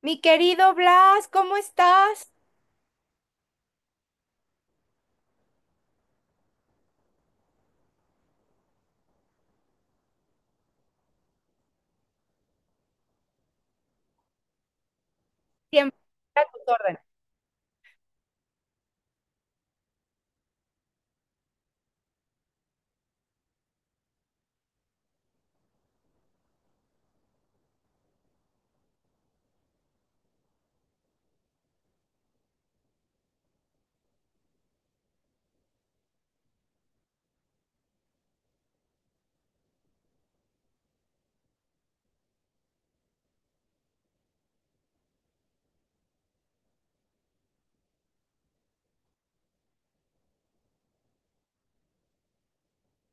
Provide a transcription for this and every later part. Mi querido Blas, ¿cómo estás? Siempre a tus órdenes.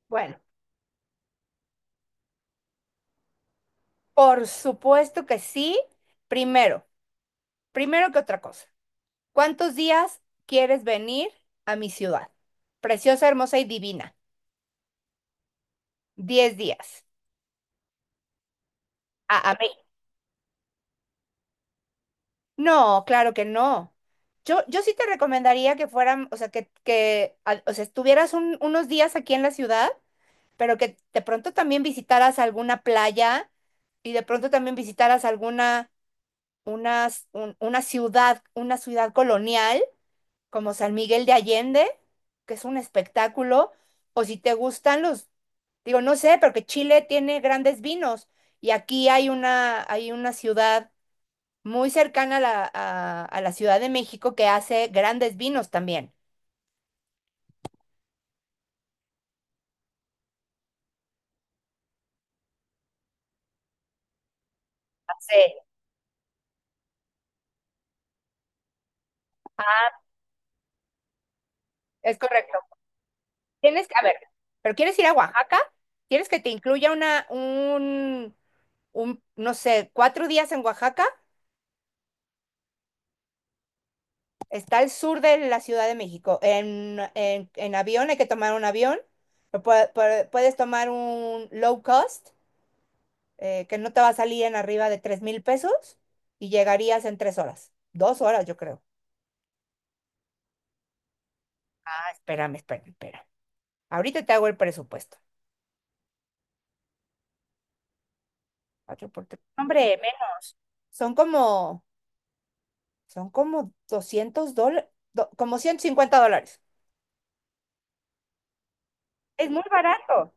Bueno, por supuesto que sí. Primero, que otra cosa, ¿cuántos días quieres venir a mi ciudad? Preciosa, hermosa y divina. Diez días. A mí. No, claro que no. Yo sí te recomendaría que fueran, o sea, estuvieras unos días aquí en la ciudad, pero que de pronto también visitaras alguna playa y de pronto también visitaras una ciudad colonial como San Miguel de Allende, que es un espectáculo, o si te gustan los, digo, no sé, porque Chile tiene grandes vinos y aquí hay una ciudad muy cercana a la Ciudad de México que hace grandes vinos también. Sí, es correcto. Tienes que, a ver, pero ¿quieres ir a Oaxaca? ¿Quieres que te incluya no sé, cuatro días en Oaxaca? Está al sur de la Ciudad de México. En avión hay que tomar un avión. Puedes tomar un low cost, que no te va a salir en arriba de 3 mil pesos y llegarías en tres horas. Dos horas, yo creo. Ah, espérame, espérame, espérame. Ahorita te hago el presupuesto. Cuatro por tres. Hombre, menos. Son como, son como 200 dólares, como 150 dólares. Es muy barato.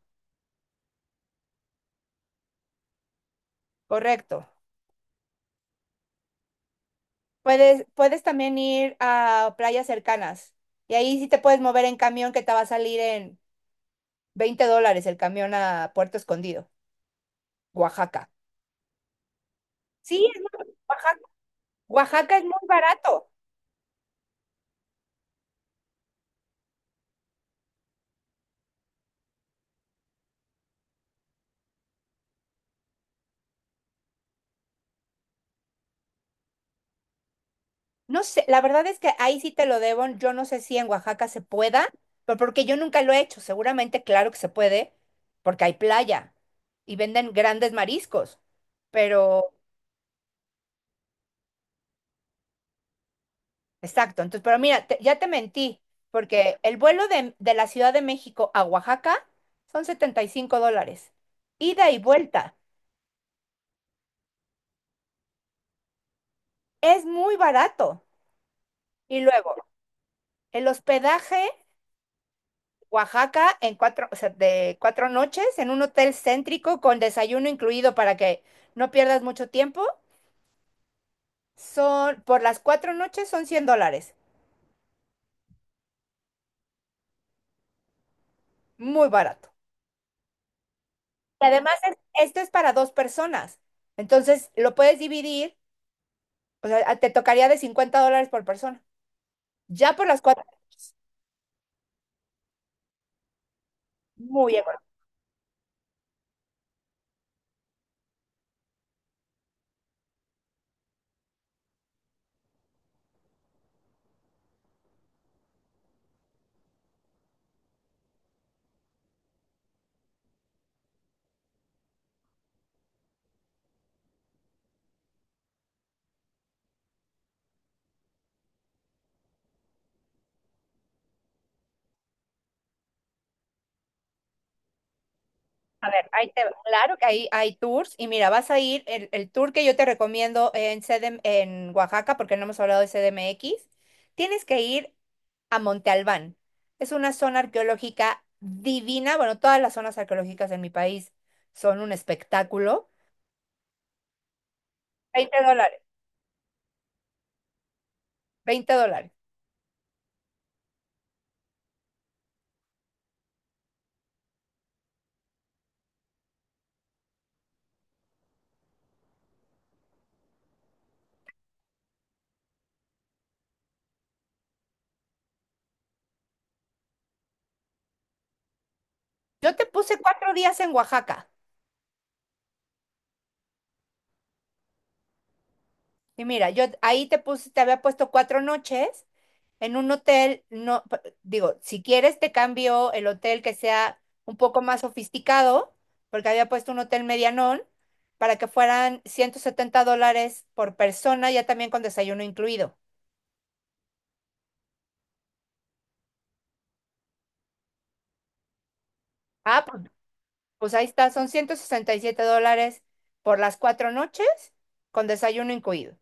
Correcto. Puedes también ir a playas cercanas y ahí sí te puedes mover en camión que te va a salir en 20 dólares el camión a Puerto Escondido, Oaxaca. Sí, Oaxaca, es muy barato. No sé, la verdad es que ahí sí te lo debo. Yo no sé si en Oaxaca se pueda, pero porque yo nunca lo he hecho. Seguramente, claro que se puede, porque hay playa y venden grandes mariscos, pero exacto, entonces, pero mira, ya te mentí, porque el vuelo de la Ciudad de México a Oaxaca son 75 dólares, ida y vuelta, es muy barato. Y luego, el hospedaje, Oaxaca, en cuatro, o sea, de cuatro noches, en un hotel céntrico con desayuno incluido para que no pierdas mucho tiempo, son, por las cuatro noches son 100 dólares, muy barato. Y además, esto es para dos personas, entonces lo puedes dividir. O sea, te tocaría de 50 dólares por persona. Ya por las cuatro. Muy económico. A ver, ahí te va. Claro que ahí hay tours. Y mira, vas a ir, el tour que yo te recomiendo en, CDM en Oaxaca, porque no hemos hablado de CDMX, tienes que ir a Monte Albán. Es una zona arqueológica divina. Bueno, todas las zonas arqueológicas en mi país son un espectáculo. 20 dólares, 20 dólares. Yo te puse cuatro días en Oaxaca. Y mira, yo ahí te puse, te había puesto cuatro noches en un hotel, no, digo, si quieres te cambio el hotel que sea un poco más sofisticado, porque había puesto un hotel medianón, para que fueran 170 dólares por persona, ya también con desayuno incluido. Ah, pues, pues ahí está, son 167 dólares por las cuatro noches, con desayuno incluido.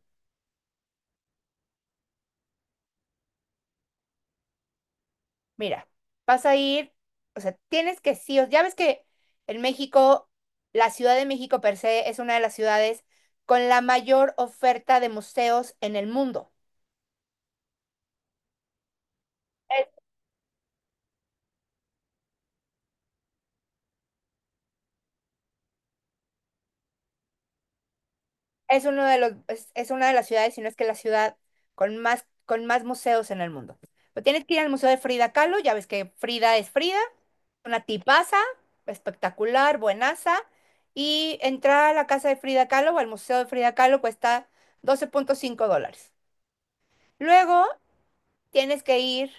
Mira, vas a ir, o sea, tienes que sí, ya ves que en México, la Ciudad de México per se es una de las ciudades con la mayor oferta de museos en el mundo. Es, es uno de los, es una de las ciudades, si no es que la ciudad con más museos en el mundo. Pero tienes que ir al Museo de Frida Kahlo, ya ves que Frida es Frida, una tipaza, espectacular, buenaza. Y entrar a la casa de Frida Kahlo o al Museo de Frida Kahlo cuesta doce punto cinco dólares. Luego tienes que ir.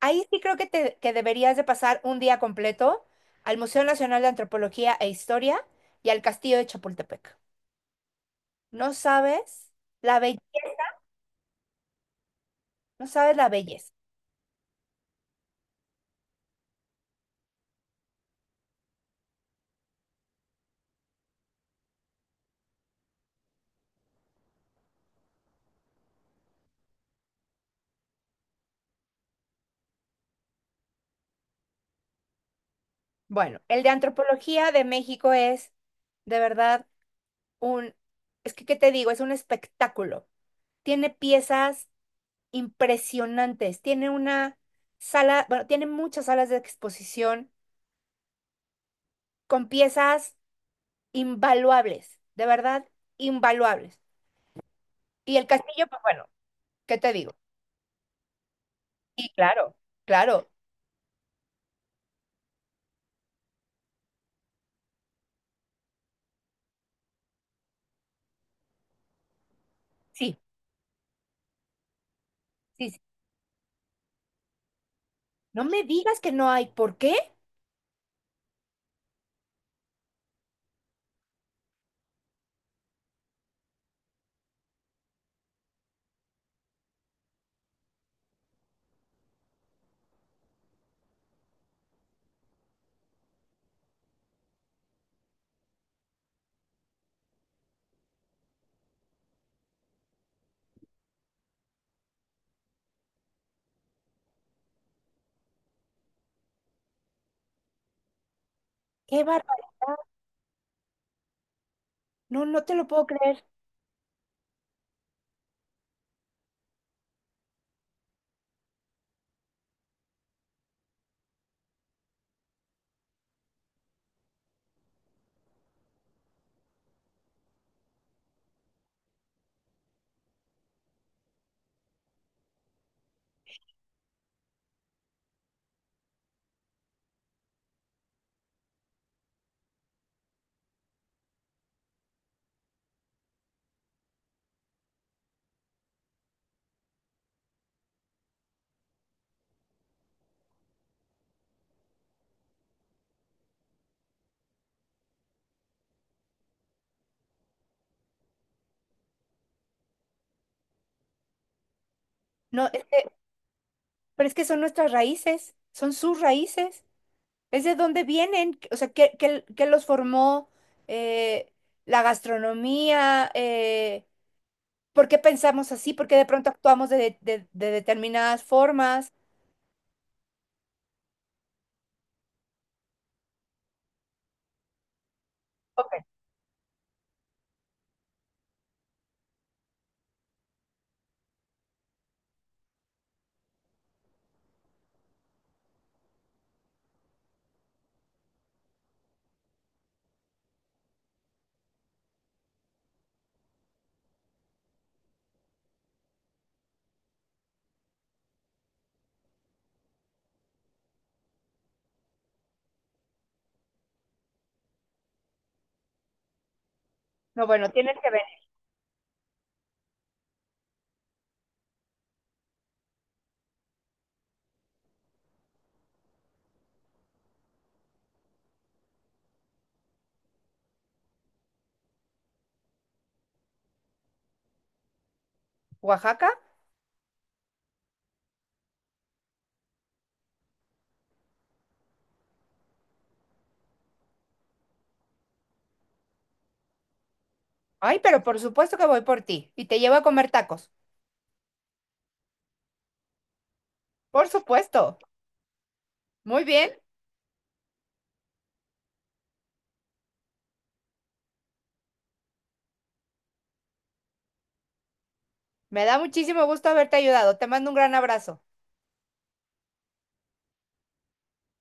Ahí sí creo que, que deberías de pasar un día completo al Museo Nacional de Antropología e Historia y al Castillo de Chapultepec. No sabes la belleza, no sabes la belleza. Bueno, el de Antropología de México es de verdad un, es que, ¿qué te digo? Es un espectáculo. Tiene piezas impresionantes, tiene una sala, bueno, tiene muchas salas de exposición con piezas invaluables, de verdad, invaluables. Y el castillo, pues bueno, ¿qué te digo? Sí, claro, claro, sí, sí, sí. No me digas que no hay. ¿Por qué? ¡Qué barbaridad! No, no te lo puedo creer. No, pero es que son nuestras raíces, son sus raíces. Es de dónde vienen, o sea, ¿qué los formó? Eh, la gastronomía, ¿por qué pensamos así? ¿Por qué de pronto actuamos de determinadas formas? Ok, no, bueno, tienes que venir. ¿Oaxaca? Ay, pero por supuesto que voy por ti y te llevo a comer tacos. Por supuesto. Muy bien. Me da muchísimo gusto haberte ayudado. Te mando un gran abrazo.